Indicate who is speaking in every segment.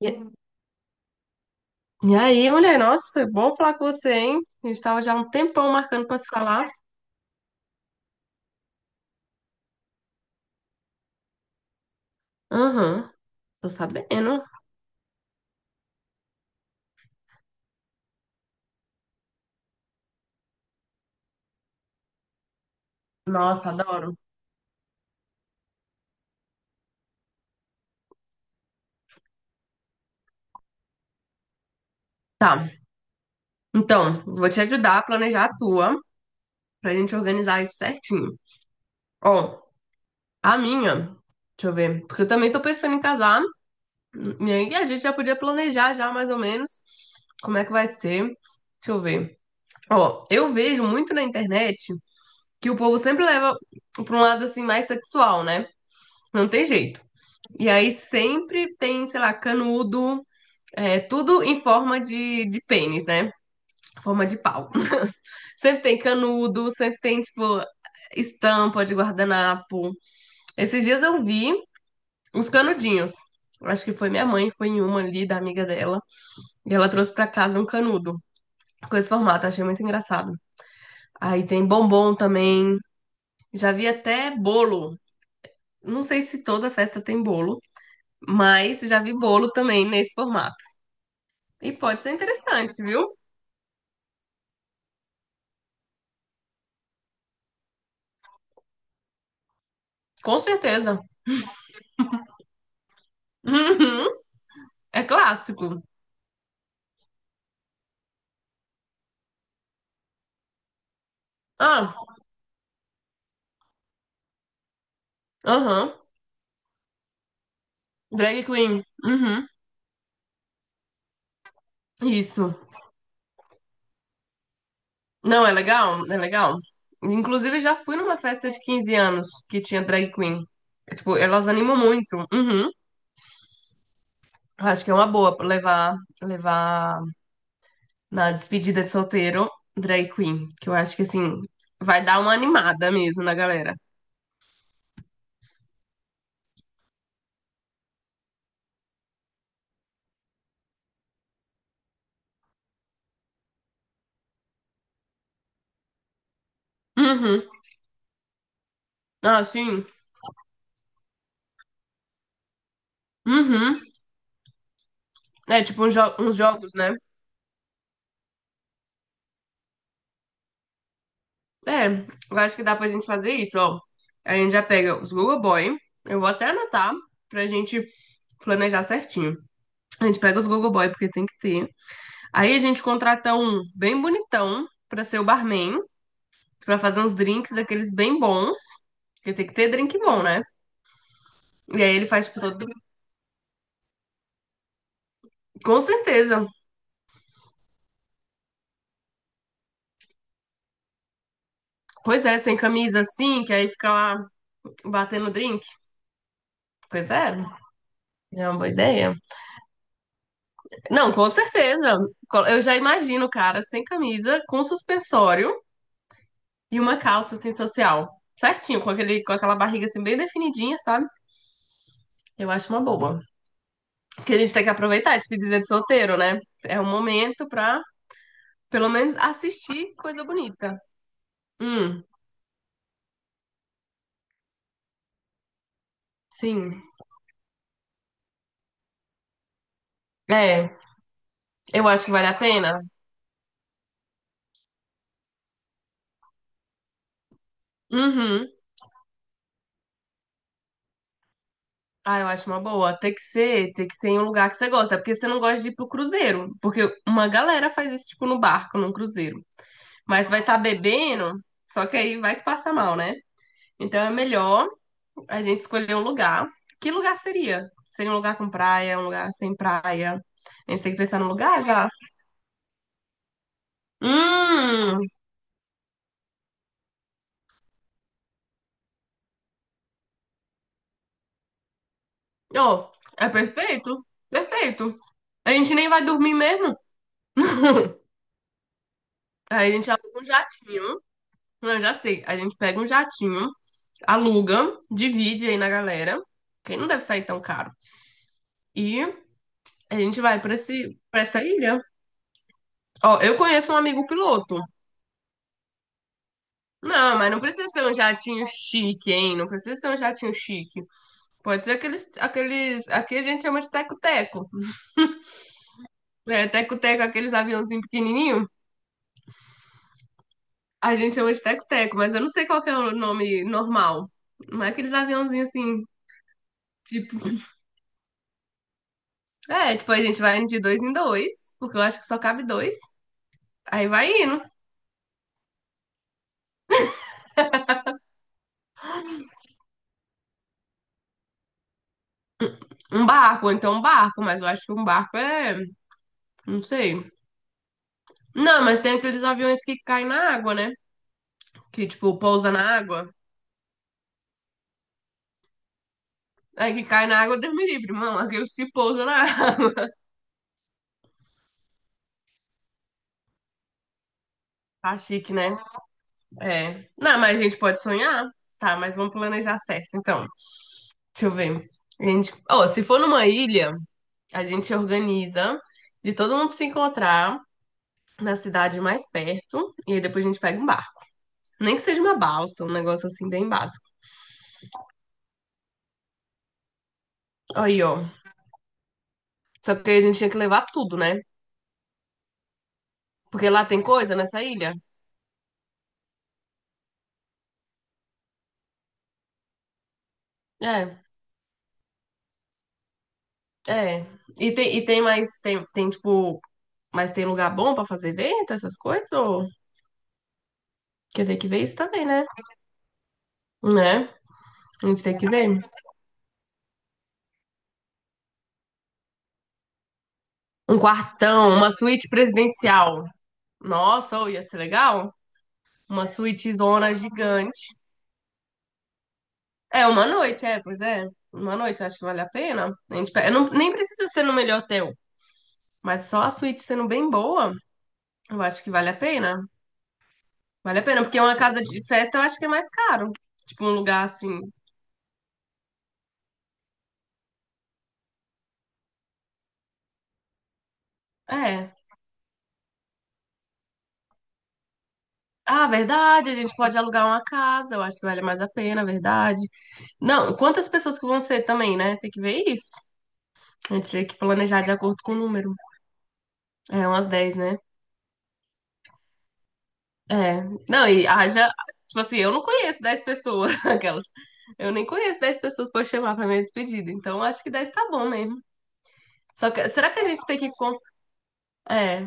Speaker 1: E e aí, mulher, nossa, bom falar com você, hein? A gente tava já há um tempão marcando pra se falar. Aham, tô sabendo. Nossa, adoro. Tá, então, vou te ajudar a planejar a tua, pra gente organizar isso certinho. Ó, a minha, deixa eu ver, porque eu também tô pensando em casar, e aí a gente já podia planejar já mais ou menos como é que vai ser. Deixa eu ver. Ó, eu vejo muito na internet que o povo sempre leva pra um lado assim mais sexual, né? Não tem jeito. E aí sempre tem, sei lá, canudo, tudo em forma de pênis, né? Forma de pau. Sempre tem canudo, sempre tem, tipo, estampa de guardanapo. Esses dias eu vi uns canudinhos. Acho que foi minha mãe, foi em uma ali da amiga dela. E ela trouxe pra casa um canudo com esse formato, achei muito engraçado. Aí tem bombom também. Já vi até bolo. Não sei se toda festa tem bolo, mas já vi bolo também nesse formato. E pode ser interessante, viu? Com certeza. Uhum. É clássico. Ah, aham. Drag Queen. Uhum. Isso. Não, é legal? É legal. Inclusive, já fui numa festa de 15 anos que tinha drag queen. É, tipo, elas animam muito. Uhum. Acho que é uma boa levar na despedida de solteiro drag queen. Que eu acho que, assim, vai dar uma animada mesmo na galera. Uhum. Ah, sim. Uhum. É tipo uns, uns jogos, né? É, eu acho que dá pra gente fazer isso, ó. A gente já pega os Google Boy. Eu vou até anotar pra gente planejar certinho. A gente pega os Google Boy, porque tem que ter. Aí a gente contrata um bem bonitão pra ser o barman, pra fazer uns drinks daqueles bem bons. Porque tem que ter drink bom, né? E aí ele faz, tipo, todo. Com certeza. Pois é, sem camisa assim, que aí fica lá batendo drink. Pois é, é uma boa ideia. Não, com certeza. Eu já imagino o cara sem camisa, com suspensório e uma calça, assim, social. Certinho, com aquela barriga, assim, bem definidinha, sabe? Eu acho uma boa. Que a gente tem que aproveitar a despedida de solteiro, né? É um momento pra, pelo menos, assistir coisa bonita. Hum, sim. É, eu acho que vale a pena. Uhum. Ah, eu acho uma boa. Tem que ser em um lugar que você gosta. É porque você não gosta de ir pro cruzeiro, porque uma galera faz isso tipo no barco, num cruzeiro. Mas vai estar bebendo, só que aí vai que passa mal, né? Então é melhor a gente escolheu um lugar. Que lugar seria? Seria um lugar com praia, um lugar sem praia? A gente tem que pensar no lugar já. Hum, ó, é perfeito. A gente nem vai dormir mesmo. Aí a gente aluga um jatinho. Não, eu já sei. A gente pega um jatinho, aluga, divide aí na galera. Quem não deve sair tão caro. E a gente vai pra esse, para essa ilha. Ó, eu conheço um amigo piloto. Não, mas não precisa ser um jatinho chique, hein? Não precisa ser um jatinho chique. Pode ser aqueles. Aqui a gente chama de teco-teco. É, teco-teco, aqueles aviãozinhos pequenininhos. A gente chama de teco-teco, mas eu não sei qual que é o nome normal. Não é aqueles aviãozinhos assim, tipo. É, tipo, a gente vai indo de dois em dois, porque eu acho que só cabe dois. Aí vai indo. Ou então um barco, mas eu acho que um barco é. Não sei. Não, mas tem aqueles aviões que caem na água, né? Que, tipo, pousa na água. Aí que cai na água, Deus me livre, mano. Aqueles que pousam na água. Tá chique, né? É. Não, mas a gente pode sonhar. Tá, mas vamos planejar certo, então. Deixa eu ver. A gente... Ó, se for numa ilha, a gente organiza de todo mundo se encontrar na cidade mais perto e aí depois a gente pega um bar. Nem que seja uma balsa, um negócio assim bem básico. Aí, ó. Só que a gente tinha que levar tudo, né? Porque lá tem coisa nessa ilha. É, é. E tem tipo, mas tem lugar bom pra fazer evento, essas coisas? Ou... Quer ter que ver isso também, né? Né? A gente tem que ver. Um quartão, uma suíte presidencial. Nossa, ô, ia ser legal? Uma suíte zona gigante. É, uma noite, é, pois é. Uma noite, acho que vale a pena. A gente, não, nem precisa ser no melhor hotel, mas só a suíte sendo bem boa, eu acho que vale a pena. Vale a pena, porque uma casa de festa eu acho que é mais caro. Tipo, um lugar assim. É. Ah, verdade, a gente pode alugar uma casa, eu acho que vale mais a pena, verdade. Não, quantas pessoas que vão ser também, né? Tem que ver isso. A gente tem que planejar de acordo com o número. É umas 10 né? É. Não, e haja. Tipo assim, eu não conheço 10 pessoas, aquelas. Eu nem conheço 10 pessoas pra eu chamar pra minha despedida. Então acho que 10 tá bom mesmo. Só que será que a gente tem É.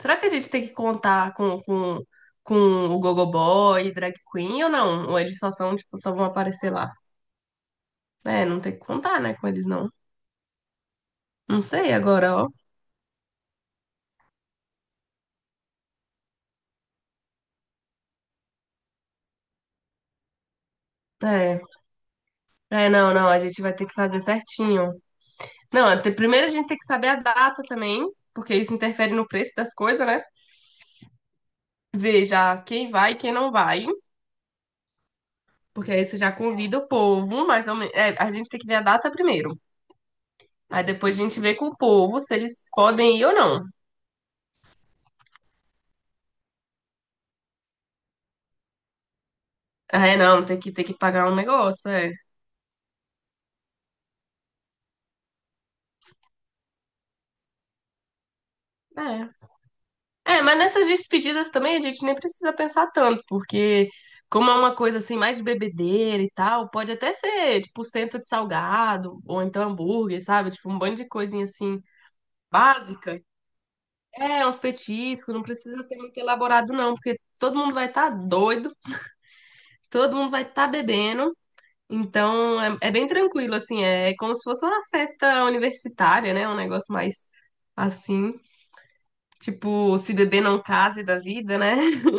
Speaker 1: Será que a gente tem que contar com o Gogoboy e Drag Queen ou não? Ou eles só são, tipo, só vão aparecer lá? É, não tem que contar, né, com eles não. Não sei agora, ó. É. É, não, não, a gente vai ter que fazer certinho. Não, primeiro a gente tem que saber a data também, porque isso interfere no preço das coisas, né? Ver já quem vai e quem não vai, porque aí você já convida o povo, mais ou menos. É, a gente tem que ver a data primeiro. Aí depois a gente vê com o povo se eles podem ir ou não. Ah, é, não, tem que pagar um negócio, é. É. É, mas nessas despedidas também a gente nem precisa pensar tanto, porque como é uma coisa assim mais de bebedeira e tal, pode até ser tipo cento de salgado, ou então hambúrguer, sabe? Tipo um bando de coisinha assim básica. É, é uns petiscos, não precisa ser muito elaborado, não, porque todo mundo vai estar doido, todo mundo vai estar bebendo. Então, é, é bem tranquilo, assim, é como se fosse uma festa universitária, né? Um negócio mais assim, tipo, se beber não case da vida, né?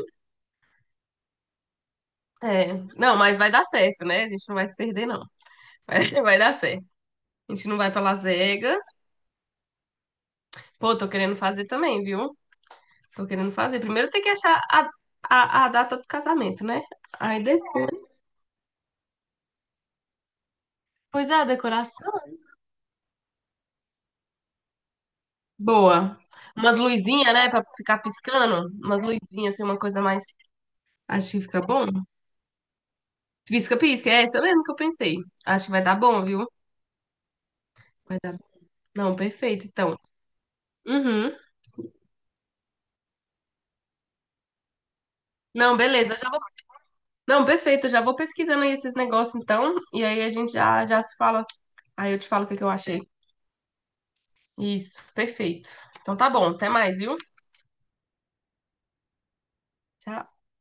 Speaker 1: É, não, mas vai dar certo, né? A gente não vai se perder, não. Vai, vai dar certo. A gente não vai pra Las Vegas. Pô, tô querendo fazer também, viu? Tô querendo fazer. Primeiro tem que achar a data do casamento, né? Aí depois a decoração. Boa. Umas luzinhas, né? Pra ficar piscando. Umas luzinhas, assim, uma coisa mais. Acho que fica bom. Pisca, pisca. É essa mesmo que eu pensei. Acho que vai dar bom, viu? Vai dar. Não, perfeito, então. Uhum. Não, beleza. Eu já vou... Não, perfeito. Eu já vou pesquisando aí esses negócios, então. E aí a gente já se fala. Aí eu te falo o que que eu achei. Isso, perfeito. Então tá bom. Até mais, viu? Tchau.